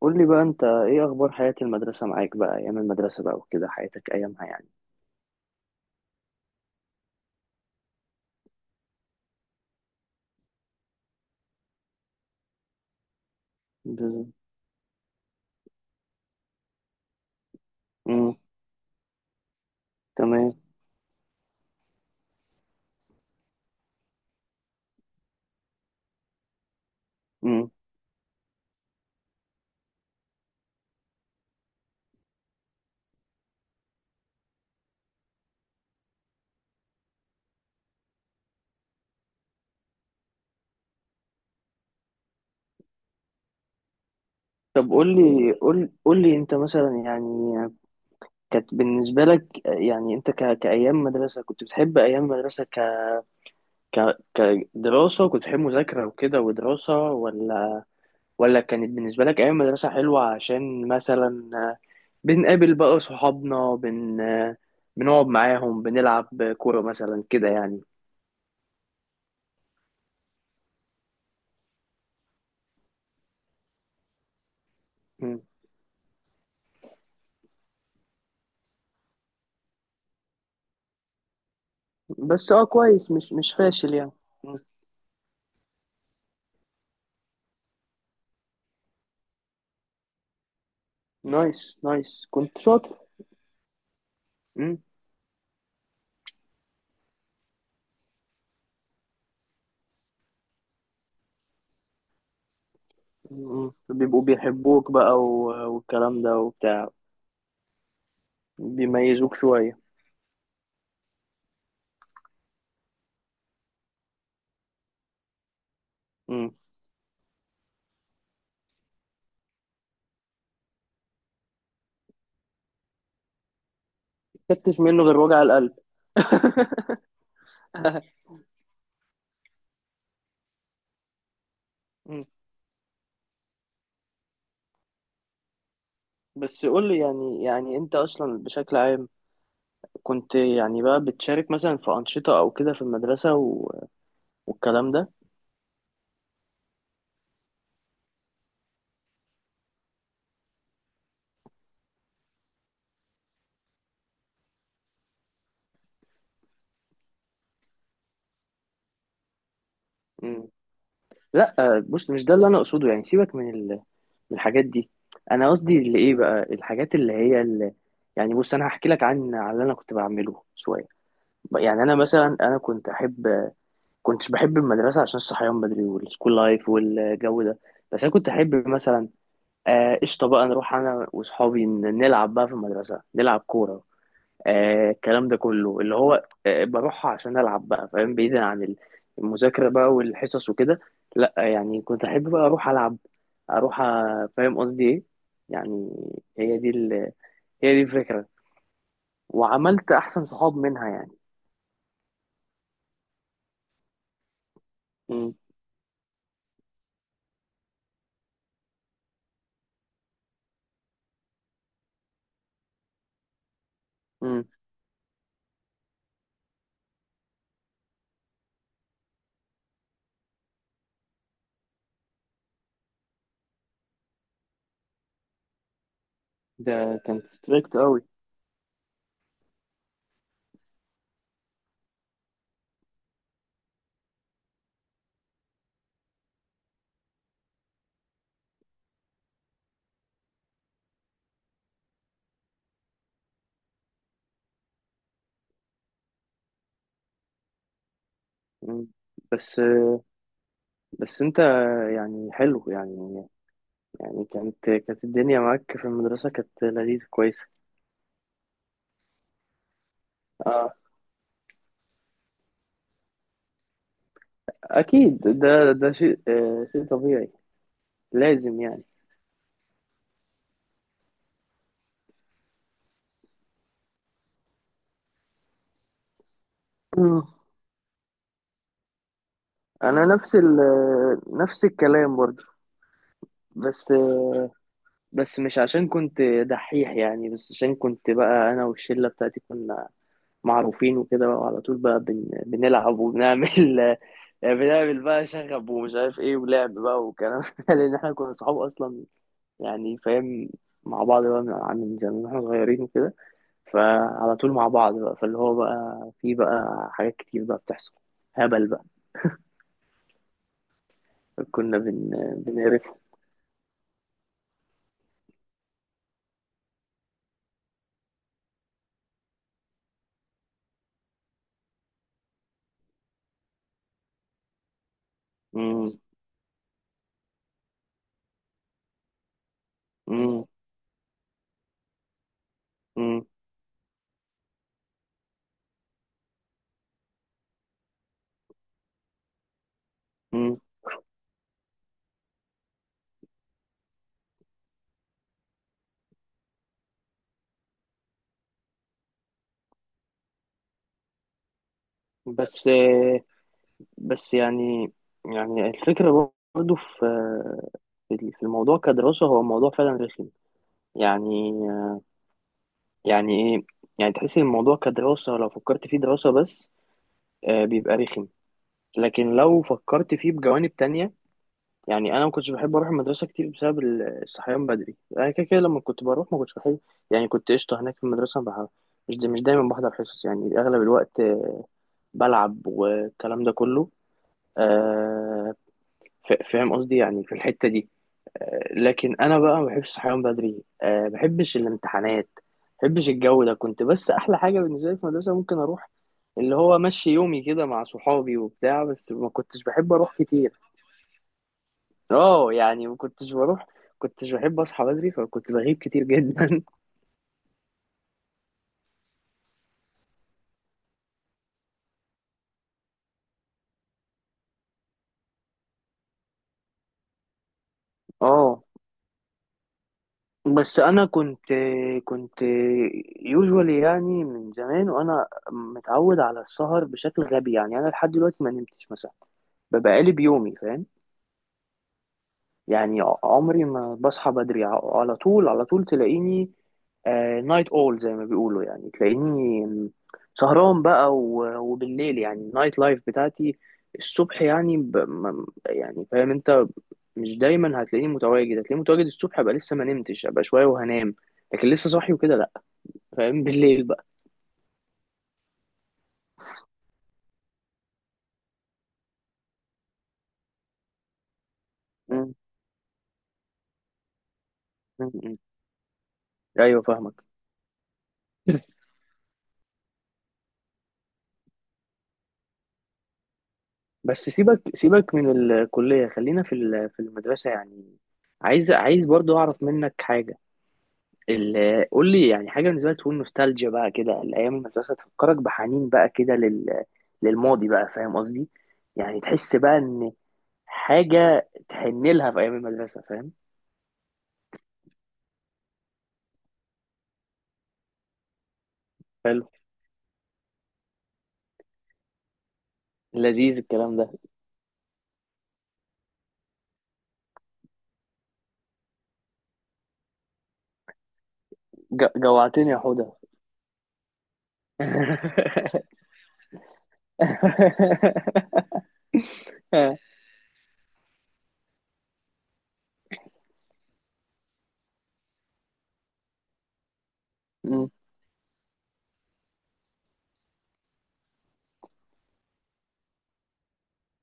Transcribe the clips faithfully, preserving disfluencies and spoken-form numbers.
قول لي بقى انت ايه اخبار حياة المدرسة معاك بقى، ايام المدرسة بقى وكده حياتك ايامها يعني؟ بز- امم تمام. امم طب قول لي، قول قول لي انت مثلا يعني، كانت بالنسبة لك يعني انت ك... كايام مدرسة كنت بتحب ايام مدرسة ك... ك... كدراسة؟ كنت بتحب مذاكرة وكده ودراسة؟ ولا ولا كانت بالنسبة لك ايام مدرسة حلوة عشان مثلا بنقابل بقى صحابنا، بن بنقعد معاهم بنلعب كورة مثلا كده يعني؟ مم. بس اه كويس، مش مش فاشل يعني. مم. نايس، نايس، كنت شاطر. مم. مم. بيبقوا بيحبوك بقى، و- والكلام ده وبتاع. بيميزوك شوية. مم. مكتش منه غير وجع القلب. مم. بس قول لي، يعني يعني انت اصلا بشكل عام كنت يعني بقى بتشارك مثلا في أنشطة او كده في المدرسة و... والكلام ده. لا آه، بص، مش ده اللي انا اقصده يعني. سيبك من ال... من الحاجات دي. انا قصدي اللي ايه بقى الحاجات اللي هي اللي، يعني بص، انا هحكي لك عن عن اللي انا كنت بعمله شويه. يعني انا مثلا، انا كنت احب، كنتش بحب المدرسه عشان الصحيان بدري والسكول لايف والجو ده. بس انا كنت احب مثلا، آه، قشطه بقى نروح انا واصحابي، ن- نلعب بقى في المدرسه، نلعب كوره. آه، الكلام ده كله اللي هو آه بروحها عشان ألعب بقى، فاهم، بعيدا عن المذاكرة بقى والحصص وكده. لأ يعني كنت أحب بقى أروح ألعب، أروح أ- فاهم قصدي إيه يعني. هي دي ال... هي دي الفكرة، وعملت أحسن صحاب منها يعني. مم. مم. ده كان ستريكت قوي. مم. بس بس انت يعني، حلو يعني. يعني كانت كانت الدنيا معاك في المدرسة كانت لذيذة كويسة. اه، اكيد، ده ده شيء، آه، شيء طبيعي. لازم يعني. اه، انا نفس ال نفس الكلام برضه. بس بس مش عشان كنت دحيح يعني، بس عشان كنت بقى انا والشله بتاعتي كنا معروفين وكده بقى، وعلى طول بقى بن... بنلعب وبنعمل، بنعمل بقى شغب ومش عارف ايه ولعب بقى وكلام، ده لان احنا كنا صحاب اصلا، يعني فاهم. مع بعض بقى من من زمان واحنا صغيرين وكده، فعلى طول مع بعض بقى، فاللي هو بقى في بقى حاجات كتير بقى بتحصل، هبل بقى. كنا بن... بنقرفه. مم. مم. مم. مم. بس آه، بس يعني، يعني الفكرة برضه في في في الموضوع كدراسة، هو موضوع فعلا رخم يعني. يعني ايه، يعني تحس إن الموضوع كدراسة لو فكرت فيه دراسة بس، آه، بيبقى رخم. لكن لو فكرت فيه بجوانب تانية، يعني انا ما كنتش بحب اروح المدرسة كتير بسبب ال- الصحيان بدري. انا كده كده لما كنت بروح ما كنتش بحب. يعني كنت قشطة هناك في المدرسة، بح- مش مش دايما بحضر حصص يعني، اغلب الوقت، آه، بلعب والكلام ده كله، آه، ف- فاهم قصدي يعني، في الحتة دي. آه، لكن أنا بقى ما بحبش الصحيان بدري، آه، ما بحبش الامتحانات، ما بحبش الجو ده. كنت بس، أحلى حاجة بالنسبة لي في المدرسة ممكن أروح، اللي هو مشي يومي كده مع صحابي وبتاع، بس ما كنتش بحب أروح كتير. اه يعني ما كنتش بروح، كنتش بحب أصحى بدري، فكنت بغيب كتير جدا. اه، بس أنا كنت، كنت يوجوالي يعني، من زمان وأنا متعود على السهر بشكل غبي. يعني أنا لحد دلوقتي ما نمتش مثلا، ببقى قالب يومي، فاهم. يعني ع- عمري ما بصحى بدري، ع- على طول، على طول تلاقيني نايت اول زي ما بيقولوا، يعني تلاقيني سهران بقى، و- وبالليل، يعني النايت لايف بتاعتي الصبح يعني، ب... ما- يعني فاهم انت، مش دايما هتلاقيني متواجد، هتلاقيني متواجد الصبح ابقى لسه ما نمتش، ابقى شويه وهنام، لكن لسه صاحي وكده لا. فاهم، بالليل بقى. م- م- م. ايوه فاهمك. بس سيبك، سيبك من الكلية، خلينا في ال- في المدرسة يعني. عايز، عايز برضو أعرف منك حاجة. ال- قول لي يعني حاجة بالنسبة لك تكون نوستالجيا بقى كده، الأيام المدرسة تفكرك بحنين بقى كده لل للماضي بقى، فاهم قصدي؟ يعني تحس بقى إن حاجة تحن لها في أيام المدرسة، فاهم. حلو. لذيذ الكلام ده. ج- جوعتني يا حوده. مم.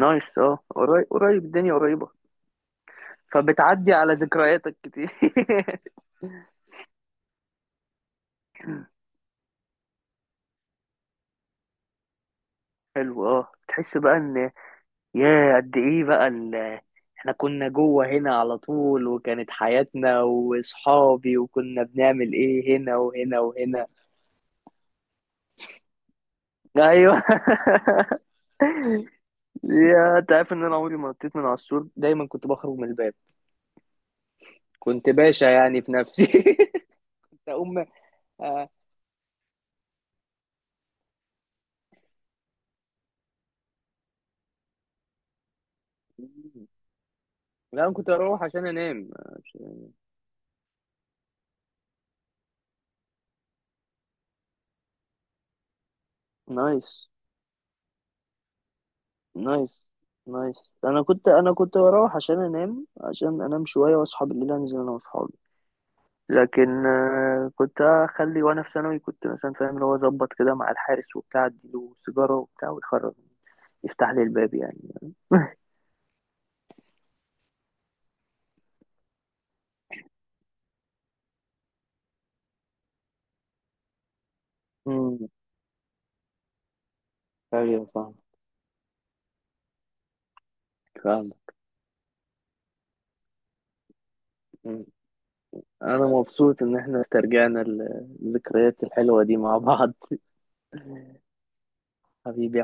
نايس، اه، قريب، قريب، الدنيا قريبة. فبتعدي على ذكرياتك كتير. حلو، اه، تحس بقى ان، يا قد ايه بقى ال... احنا كنا جوه هنا على طول، وكانت حياتنا واصحابي، وكنا بنعمل ايه هنا وهنا وهنا. ايوه. يا، انت عارف ان انا عمري ما نطيت من على السور، دايما كنت بخرج من الباب. كنت باشا يعني في نفسي. كنت اقوم، آه. لا، انا كنت اروح عشان انام. نايس، نايس، نايس. انا كنت انا كنت بروح عشان انام، عشان انام شويه واصحى بالليل انزل انا واصحابي. لكن آه، كنت اخلي وانا في ثانوي، كنت مثلا فاهم، اللي هو اظبط كده مع الحارس وبتاع، اديله سيجاره وبتاع ويخرج، يفتح لي الباب يعني. امم ايوه، فاهم، فاهم. مم. انا مبسوط ان احنا استرجعنا ال- الذكريات الحلوة دي مع بعض. حبيبي.